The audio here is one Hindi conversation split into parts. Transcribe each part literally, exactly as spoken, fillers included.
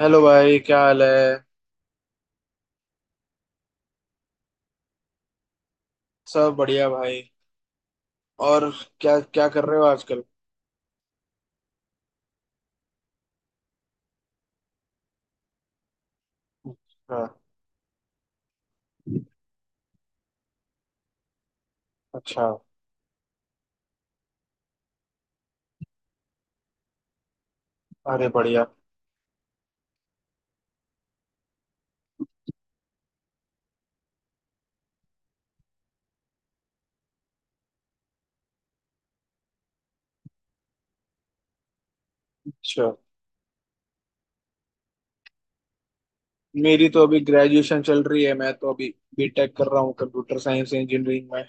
हेलो भाई, क्या हाल है। सब बढ़िया भाई। और क्या क्या कर रहे हो आजकल? हाँ। अच्छा। अरे बढ़िया। अच्छा। मेरी तो अभी ग्रेजुएशन चल रही है, मैं तो अभी बीटेक कर रहा हूँ कंप्यूटर साइंस इंजीनियरिंग में।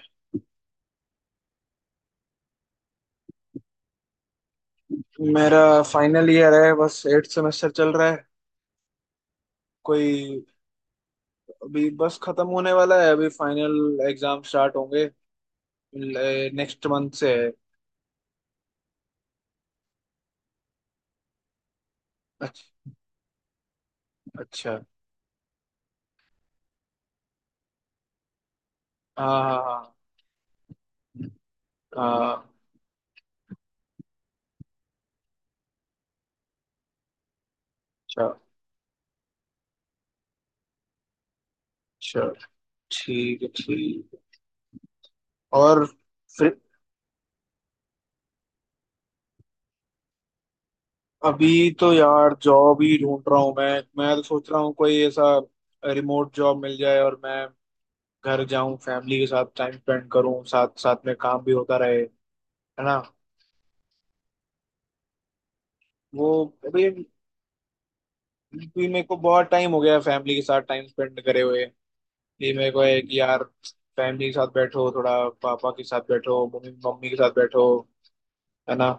मेरा फाइनल ईयर है, बस एट सेमेस्टर चल रहा है। कोई अभी बस खत्म होने वाला है, अभी फाइनल एग्जाम स्टार्ट होंगे नेक्स्ट मंथ से है। अच्छा अच्छा। हाँ। हाँ हाँ। हाँ। अच्छा। अच्छा। ठीक है ठीक है। और फ्री, अभी तो यार जॉब ही ढूंढ रहा हूँ मैं। मैं तो सोच रहा हूँ कोई ऐसा रिमोट जॉब मिल जाए और मैं घर जाऊं, फैमिली के साथ टाइम स्पेंड करूं, साथ साथ में काम भी होता रहे, है ना। वो अभी भी मेरे को बहुत टाइम हो गया फैमिली के साथ टाइम स्पेंड करे हुए। ये मेरे को है कि यार फैमिली के साथ बैठो थोड़ा, पापा के साथ बैठो, मम्मी मम्मी के साथ बैठो, है ना।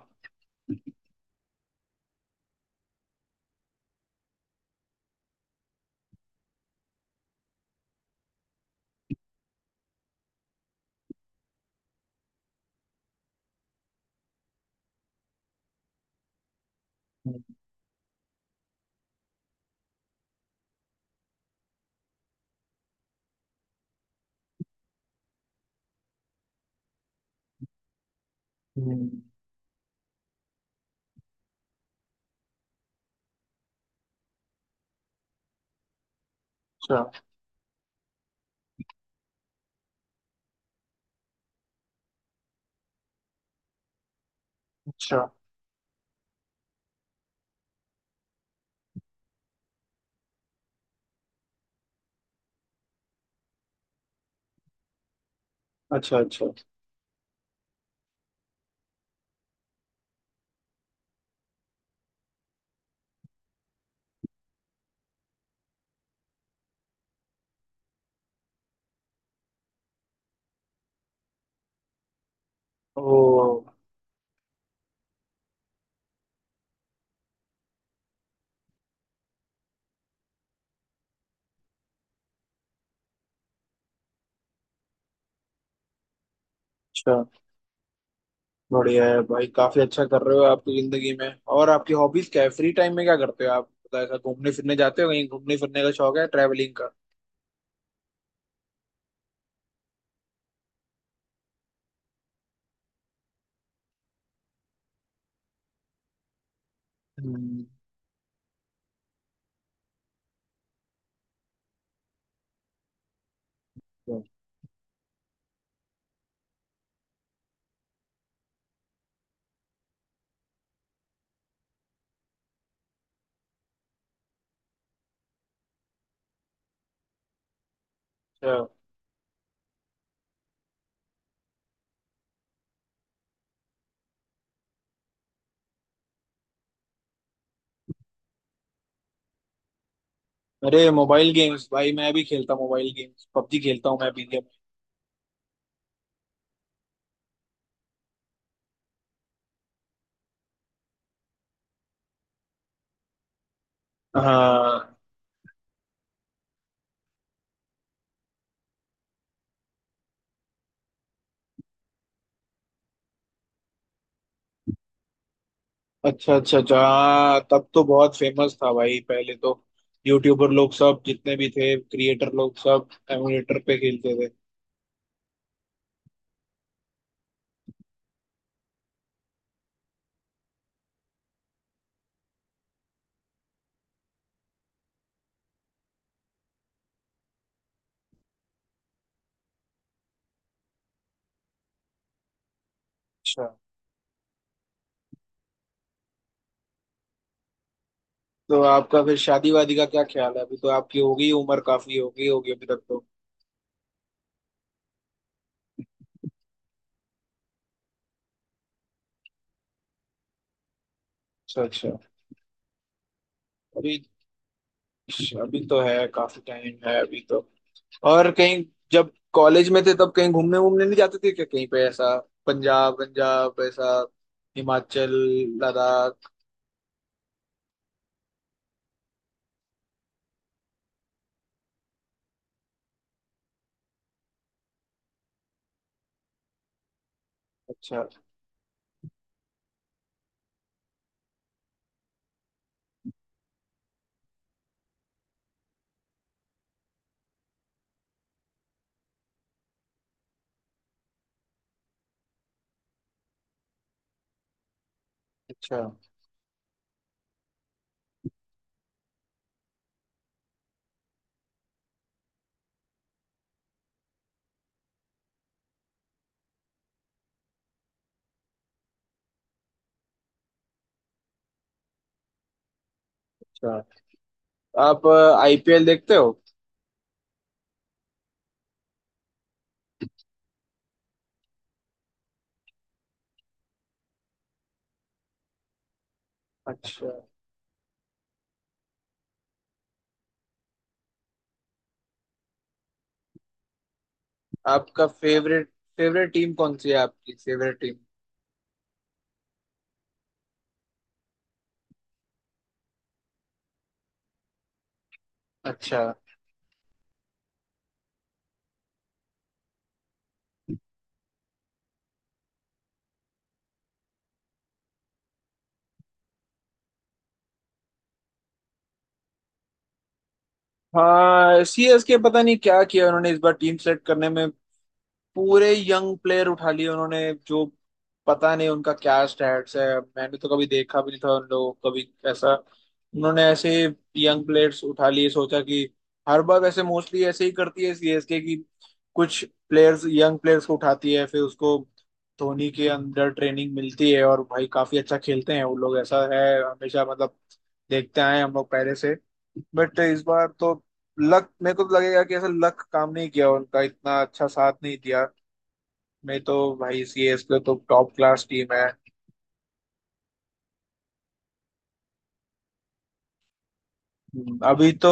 हम्म। हम्म। अच्छा। अच्छा। अच्छा। अच्छा। ओ। अच्छा, बढ़िया है भाई, काफी अच्छा कर रहे हो आपकी जिंदगी में। और आपकी हॉबीज क्या है? फ्री टाइम में क्या करते हो आप? मतलब ऐसा घूमने फिरने जाते हो कहीं? घूमने फिरने का शौक है? ट्रैवलिंग का? हम्म। तो- अच्छा। अरे मोबाइल गेम्स, भाई मैं भी खेलता हूँ मोबाइल गेम्स, पबजी खेलता हूँ मैं भी गेम। हाँ। अच्छा अच्छा अच्छा, हाँ तब तो बहुत फेमस था भाई पहले तो। यूट्यूबर लोग सब जितने भी थे, क्रिएटर लोग सब एमुलेटर पे खेलते थे। अच्छा। तो आपका फिर शादी वादी का क्या ख्याल है? अभी तो आपकी हो गई उम्र, काफी हो गई होगी अभी तक तो। अच्छा अच्छा। अभी अभी तो है, काफी टाइम है अभी तो। और कहीं जब कॉलेज में थे तब कहीं घूमने वूमने नहीं जाते थे क्या? कहीं पे ऐसा पंजाब पंजाब, ऐसा हिमाचल, लद्दाख? अच्छा। अच्छा। अच्छा। आप आईपीएल देखते हो? अच्छा। आपका फेवरेट, फेवरेट टीम कौन सी है? आपकी फेवरेट टीम। अच्छा। हाँ सीएसके पता नहीं क्या किया उन्होंने इस बार टीम सेलेक्ट करने में। पूरे यंग प्लेयर उठा लिए उन्होंने, जो पता नहीं उनका क्या स्टैट्स है, मैंने तो कभी देखा भी नहीं था उन लोगों को कभी ऐसा। उन्होंने ऐसे यंग प्लेयर्स उठा लिए सोचा कि, हर बार वैसे मोस्टली ऐसे ही करती है सीएसके की, कुछ प्लेयर्स, यंग प्लेयर्स को उठाती है, फिर उसको धोनी के अंदर ट्रेनिंग मिलती है और भाई काफी अच्छा खेलते हैं वो लोग। ऐसा है हमेशा मतलब, देखते आए हैं हम लोग पहले से। बट इस बार तो लक, मेरे को तो लगेगा कि ऐसा लक काम नहीं किया उनका, इतना अच्छा साथ नहीं दिया। में तो भाई सीएस के तो टॉप क्लास टीम है। हम्म। अभी तो,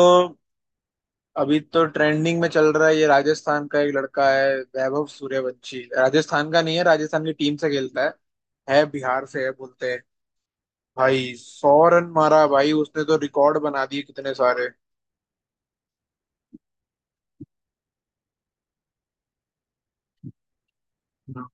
अभी तो ट्रेंडिंग में चल रहा है ये, राजस्थान का एक लड़का है वैभव सूर्यवंशी, राजस्थान का नहीं है, राजस्थान की टीम से खेलता है है बिहार से है बोलते हैं। भाई सौ रन मारा भाई उसने, तो रिकॉर्ड बना दिए कितने सारे। हम्म।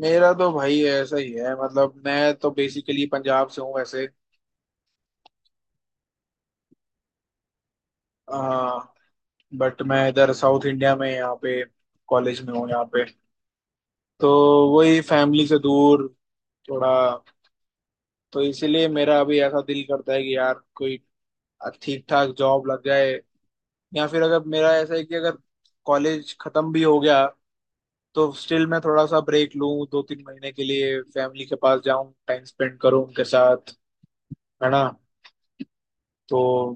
मेरा तो भाई ऐसा ही है, मतलब मैं तो बेसिकली पंजाब से हूँ वैसे। हाँ। बट मैं इधर साउथ इंडिया में यहाँ पे कॉलेज में हूँ यहाँ पे। तो वही, फैमिली से दूर थोड़ा। तो इसीलिए मेरा अभी ऐसा दिल करता है कि यार कोई ठीक ठाक जॉब लग जाए, या फिर अगर मेरा ऐसा है कि अगर कॉलेज खत्म भी हो गया तो स्टिल मैं थोड़ा सा ब्रेक लूं, दो तीन महीने के लिए फैमिली के पास जाऊं, टाइम स्पेंड करूं उनके साथ, है ना। तो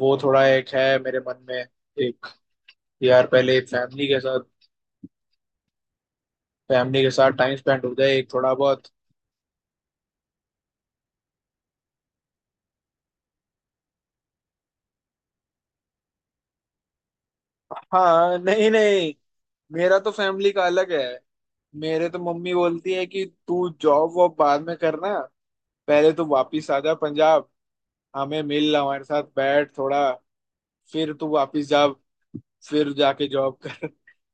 वो थोड़ा एक है मेरे मन में, एक, यार पहले फैमिली के साथ, फैमिली के साथ टाइम स्पेंड हो जाए एक थोड़ा बहुत। हाँ नहीं नहीं, मेरा तो फैमिली का अलग है। मेरे तो मम्मी बोलती है कि तू जॉब वॉब बाद में करना, पहले तू वापिस आ जा पंजाब, हमें मिल, हमारे साथ बैठ थोड़ा, फिर तू वापिस जा, फिर जाके जॉब कर।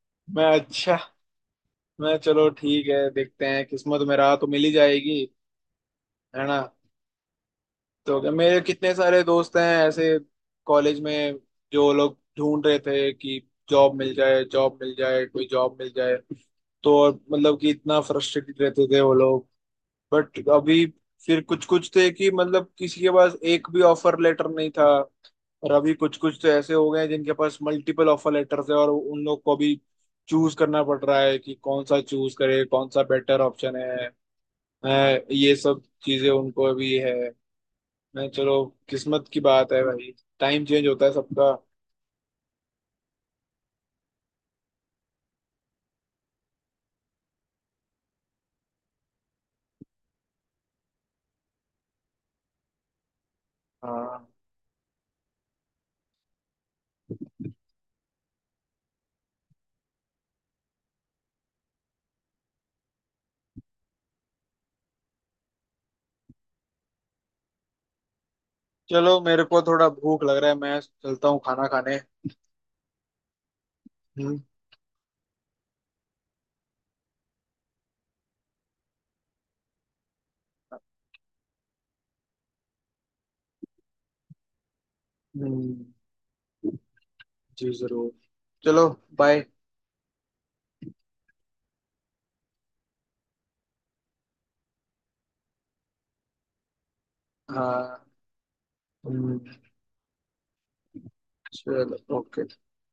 मैं अच्छा, मैं चलो ठीक है, देखते हैं किस्मत में रहा तो मिल ही जाएगी, है ना। तो क्या- मेरे कितने सारे दोस्त हैं ऐसे कॉलेज में जो लोग ढूंढ रहे थे कि जॉब मिल जाए, जॉब मिल जाए, कोई जॉब मिल जाए, तो और मतलब कि इतना फ्रस्ट्रेटेड रहते थे वो लोग। बट अभी फिर कुछ कुछ थे कि मतलब किसी के पास एक भी ऑफर लेटर नहीं था, और अभी कुछ कुछ तो ऐसे हो गए हैं जिनके पास मल्टीपल ऑफर लेटर्स है और उन लोग को भी चूज करना पड़ रहा है कि कौन सा चूज करे, कौन सा बेटर ऑप्शन है। हैं, ये सब चीजें उनको भी है। हैं, चलो किस्मत की बात है भाई, टाइम चेंज होता है सबका। हाँ, चलो मेरे को थोड़ा भूख लग रहा है, मैं चलता हूँ खाना खाने। हम्म। हम्म, जी जरूर। चलो, बाय। हाँ। हम्म। चलो ओके।